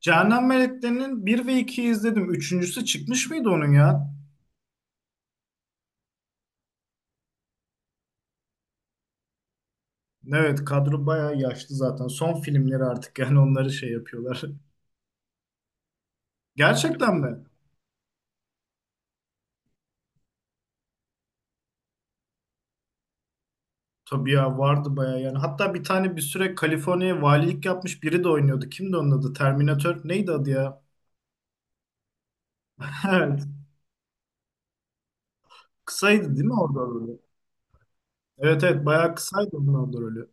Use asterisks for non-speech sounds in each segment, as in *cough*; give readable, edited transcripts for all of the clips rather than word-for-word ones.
Cehennem Melekleri'nin bir ve 2'yi izledim. Üçüncüsü çıkmış mıydı onun ya? Evet kadro bayağı yaşlı zaten. Son filmleri artık yani onları şey yapıyorlar. *laughs* Gerçekten mi? Tabii ya vardı bayağı yani. Hatta bir tane bir süre Kaliforniya valilik yapmış biri de oynuyordu. Kimdi onun adı? Terminator neydi adı ya? *laughs* Evet. Kısaydı değil mi orada rolü? Evet evet bayağı kısaydı onun orada rolü.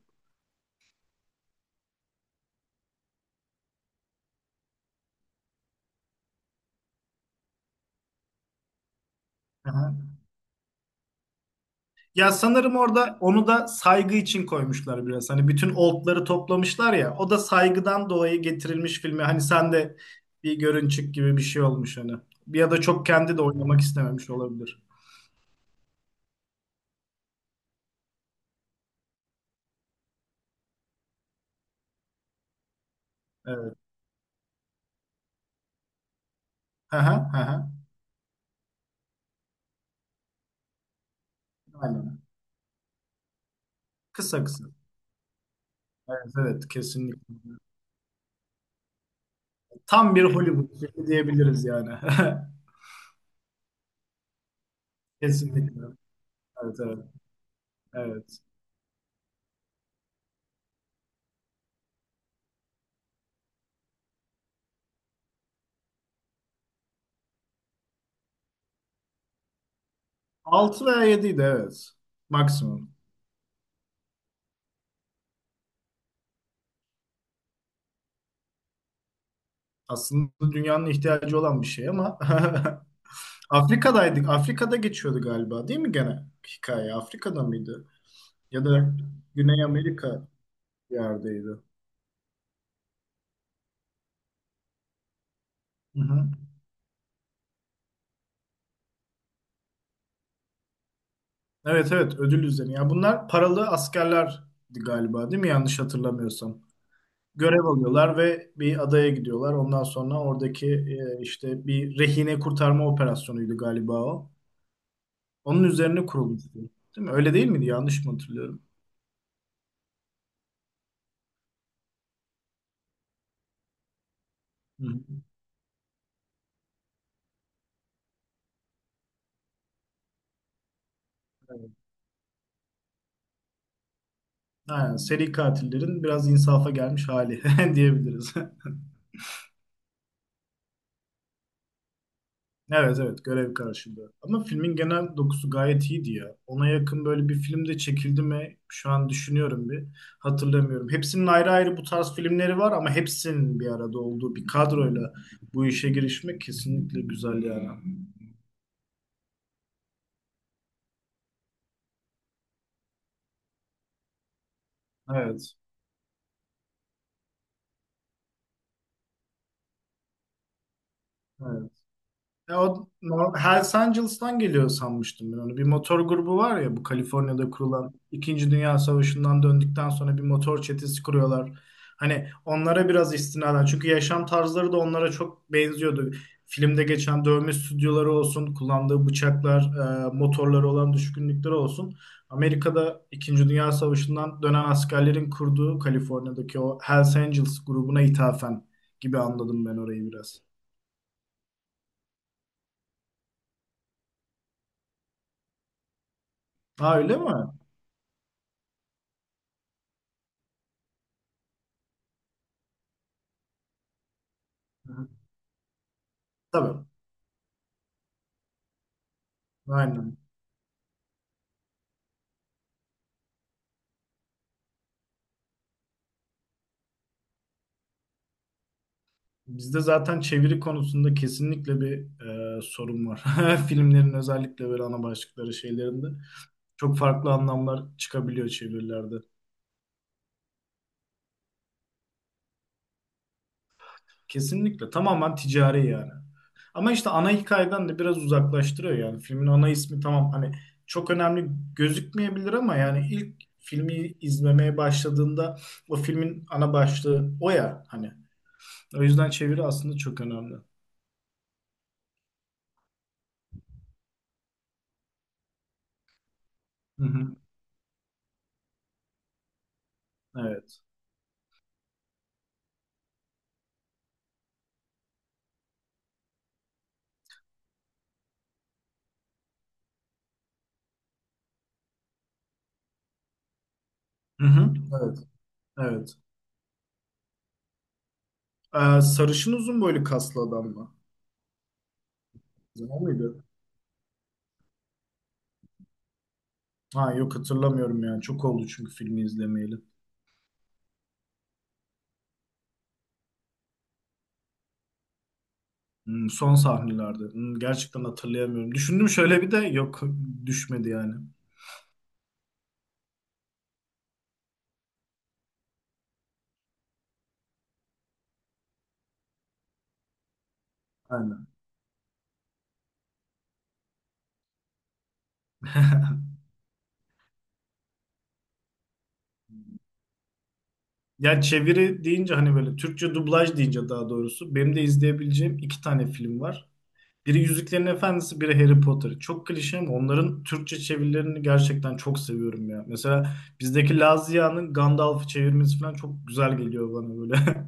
Ya sanırım orada onu da saygı için koymuşlar biraz. Hani bütün oldları toplamışlar ya. O da saygıdan dolayı getirilmiş filme. Hani sen de bir görünçük gibi bir şey olmuş hani. Ya da çok kendi de oynamak istememiş olabilir. Evet. Hı hı hı. Hı. Aynen. Kısa kısa. Evet, evet kesinlikle. Tam bir Hollywood filmi diyebiliriz yani. *laughs* Kesinlikle. Evet evet. Evet. 6 veya 7 evet. Maksimum. Aslında dünyanın ihtiyacı olan bir şey ama *laughs* Afrika'daydık. Afrika'da geçiyordu galiba değil mi gene hikaye? Afrika'da mıydı? Ya da Güney Amerika bir yerdeydi. Hı hı. Evet evet ödül üzerine. Ya bunlar paralı askerlerdi galiba değil mi? Yanlış hatırlamıyorsam. Görev alıyorlar ve bir adaya gidiyorlar. Ondan sonra oradaki işte bir rehine kurtarma operasyonuydu galiba o. Onun üzerine kurulmuştu. Değil mi? Öyle değil miydi? Yanlış mı hatırlıyorum? Hı hı. Evet. Ha, seri katillerin biraz insafa gelmiş hali *laughs* diyebiliriz. Evet evet görev karşılığı. Ama filmin genel dokusu gayet iyiydi ya. Ona yakın böyle bir film de çekildi mi? Şu an düşünüyorum bir. Hatırlamıyorum. Hepsinin ayrı ayrı bu tarz filmleri var ama hepsinin bir arada olduğu bir kadroyla bu işe girişmek kesinlikle güzel yani. Evet. Evet. Ya o nor- Hells Angels'tan geliyor sanmıştım ben onu. Bir motor grubu var ya bu Kaliforniya'da kurulan İkinci Dünya Savaşı'ndan döndükten sonra bir motor çetesi kuruyorlar. Hani onlara biraz istinaden çünkü yaşam tarzları da onlara çok benziyordu. Filmde geçen dövme stüdyoları olsun, kullandığı bıçaklar, motorları olan düşkünlükleri olsun. Amerika'da İkinci Dünya Savaşı'ndan dönen askerlerin kurduğu Kaliforniya'daki o Hells Angels grubuna ithafen gibi anladım ben orayı biraz. Ha öyle mi? Tabii. Aynen. Bizde zaten çeviri konusunda kesinlikle bir sorun var. *laughs* Filmlerin özellikle böyle ana başlıkları şeylerinde çok farklı anlamlar çıkabiliyor çevirilerde. Kesinlikle. Tamamen ticari yani. Ama işte ana hikayeden de biraz uzaklaştırıyor yani. Filmin ana ismi tamam hani çok önemli gözükmeyebilir ama yani ilk filmi izlemeye başladığında o filmin ana başlığı o ya hani. O yüzden çeviri aslında çok önemli. Hı hı. Evet. Hı hı. Evet. Evet. Sarışın uzun boylu kaslı adam mı? Kızım o muydu? Ha yok hatırlamıyorum yani. Çok oldu çünkü filmi izlemeyeli. Son sahnelerde. Gerçekten hatırlayamıyorum. Düşündüm şöyle bir de yok düşmedi yani. Aynen. *laughs* Ya çeviri deyince hani böyle Türkçe dublaj deyince daha doğrusu benim de izleyebileceğim iki tane film var. Biri Yüzüklerin Efendisi, biri Harry Potter. Çok klişe ama onların Türkçe çevirilerini gerçekten çok seviyorum ya. Mesela bizdeki Lazia'nın Gandalf'ı çevirmesi falan çok güzel geliyor bana böyle.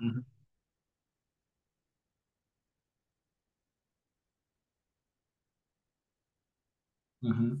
*laughs* Hı hı.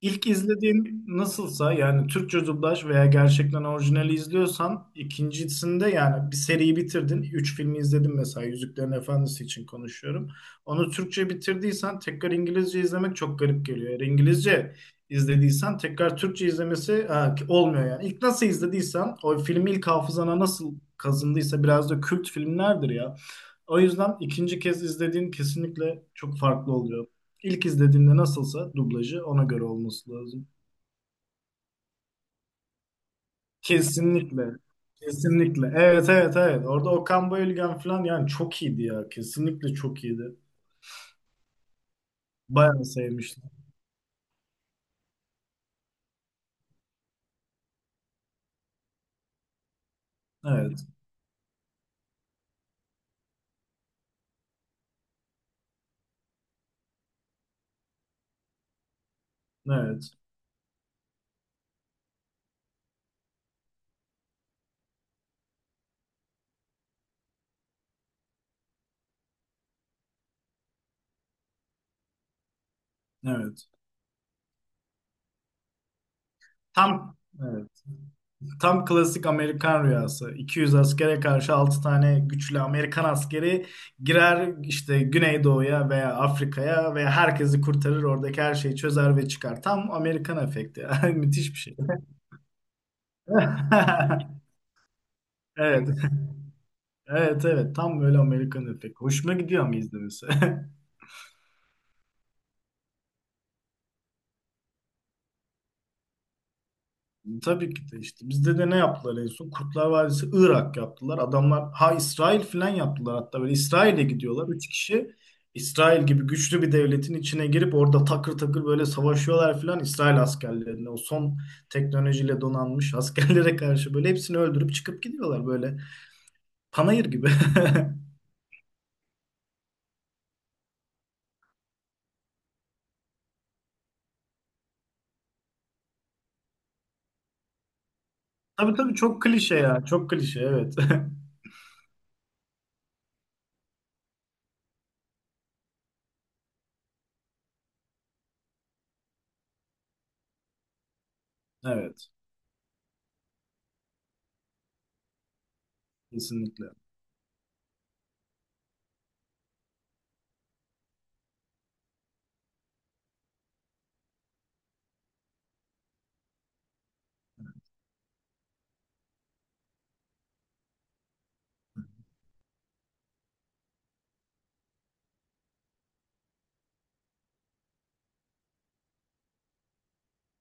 İlk izlediğin nasılsa yani Türkçe dublaj veya gerçekten orijinali izliyorsan ikincisinde yani bir seriyi bitirdin. Üç filmi izledim mesela Yüzüklerin Efendisi için konuşuyorum. Onu Türkçe bitirdiysen tekrar İngilizce izlemek çok garip geliyor. Eğer İngilizce izlediysen tekrar Türkçe izlemesi ha, olmuyor yani. İlk nasıl izlediysen o filmi ilk hafızana nasıl kazındıysa biraz da kült filmlerdir ya. O yüzden ikinci kez izlediğin kesinlikle çok farklı oluyor. İlk izlediğinde nasılsa dublajı ona göre olması lazım. Kesinlikle. Kesinlikle. Evet evet evet. Orada Okan Bayülgen falan yani çok iyiydi ya. Kesinlikle çok iyiydi. Bayağı sevmiştim. Evet. Evet. Evet. Tam evet. Tam klasik Amerikan rüyası. 200 askere karşı 6 tane güçlü Amerikan askeri girer işte Güneydoğu'ya veya Afrika'ya ve herkesi kurtarır. Oradaki her şeyi çözer ve çıkar. Tam Amerikan efekti. *laughs* Müthiş bir şey. *laughs* Evet. Evet evet. Tam böyle Amerikan efekti. Hoşuma gidiyor ama izlemesi. *laughs* Tabii ki de işte bizde de ne yaptılar en son? Kurtlar Vadisi Irak yaptılar. Adamlar ha İsrail falan yaptılar hatta böyle İsrail'e gidiyorlar. Üç kişi İsrail gibi güçlü bir devletin içine girip orada takır takır böyle savaşıyorlar falan İsrail askerlerine o son teknolojiyle donanmış *laughs* askerlere karşı böyle hepsini öldürüp çıkıp gidiyorlar böyle panayır gibi. *laughs* Tabii tabii çok klişe ya çok klişe evet. *laughs* Evet kesinlikle.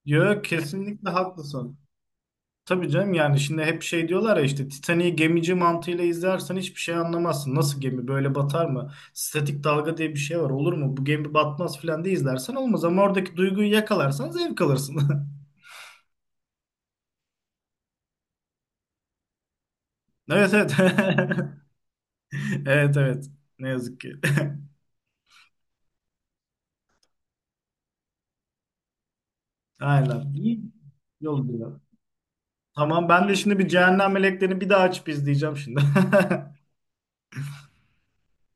Yok kesinlikle haklısın. Tabii canım yani şimdi hep şey diyorlar ya işte Titanic'i gemici mantığıyla izlersen hiçbir şey anlamazsın. Nasıl gemi böyle batar mı? Statik dalga diye bir şey var olur mu? Bu gemi batmaz filan diye izlersen olmaz ama oradaki duyguyu yakalarsan zevk alırsın. *laughs* Evet evet. *laughs* Evet evet. Ne yazık ki. *laughs* Aynen. İyi yol diyor. Tamam ben de şimdi bir Cehennem Meleklerini bir daha açıp izleyeceğim şimdi.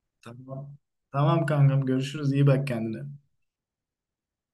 *laughs* Tamam. Tamam kankam görüşürüz. İyi bak kendine.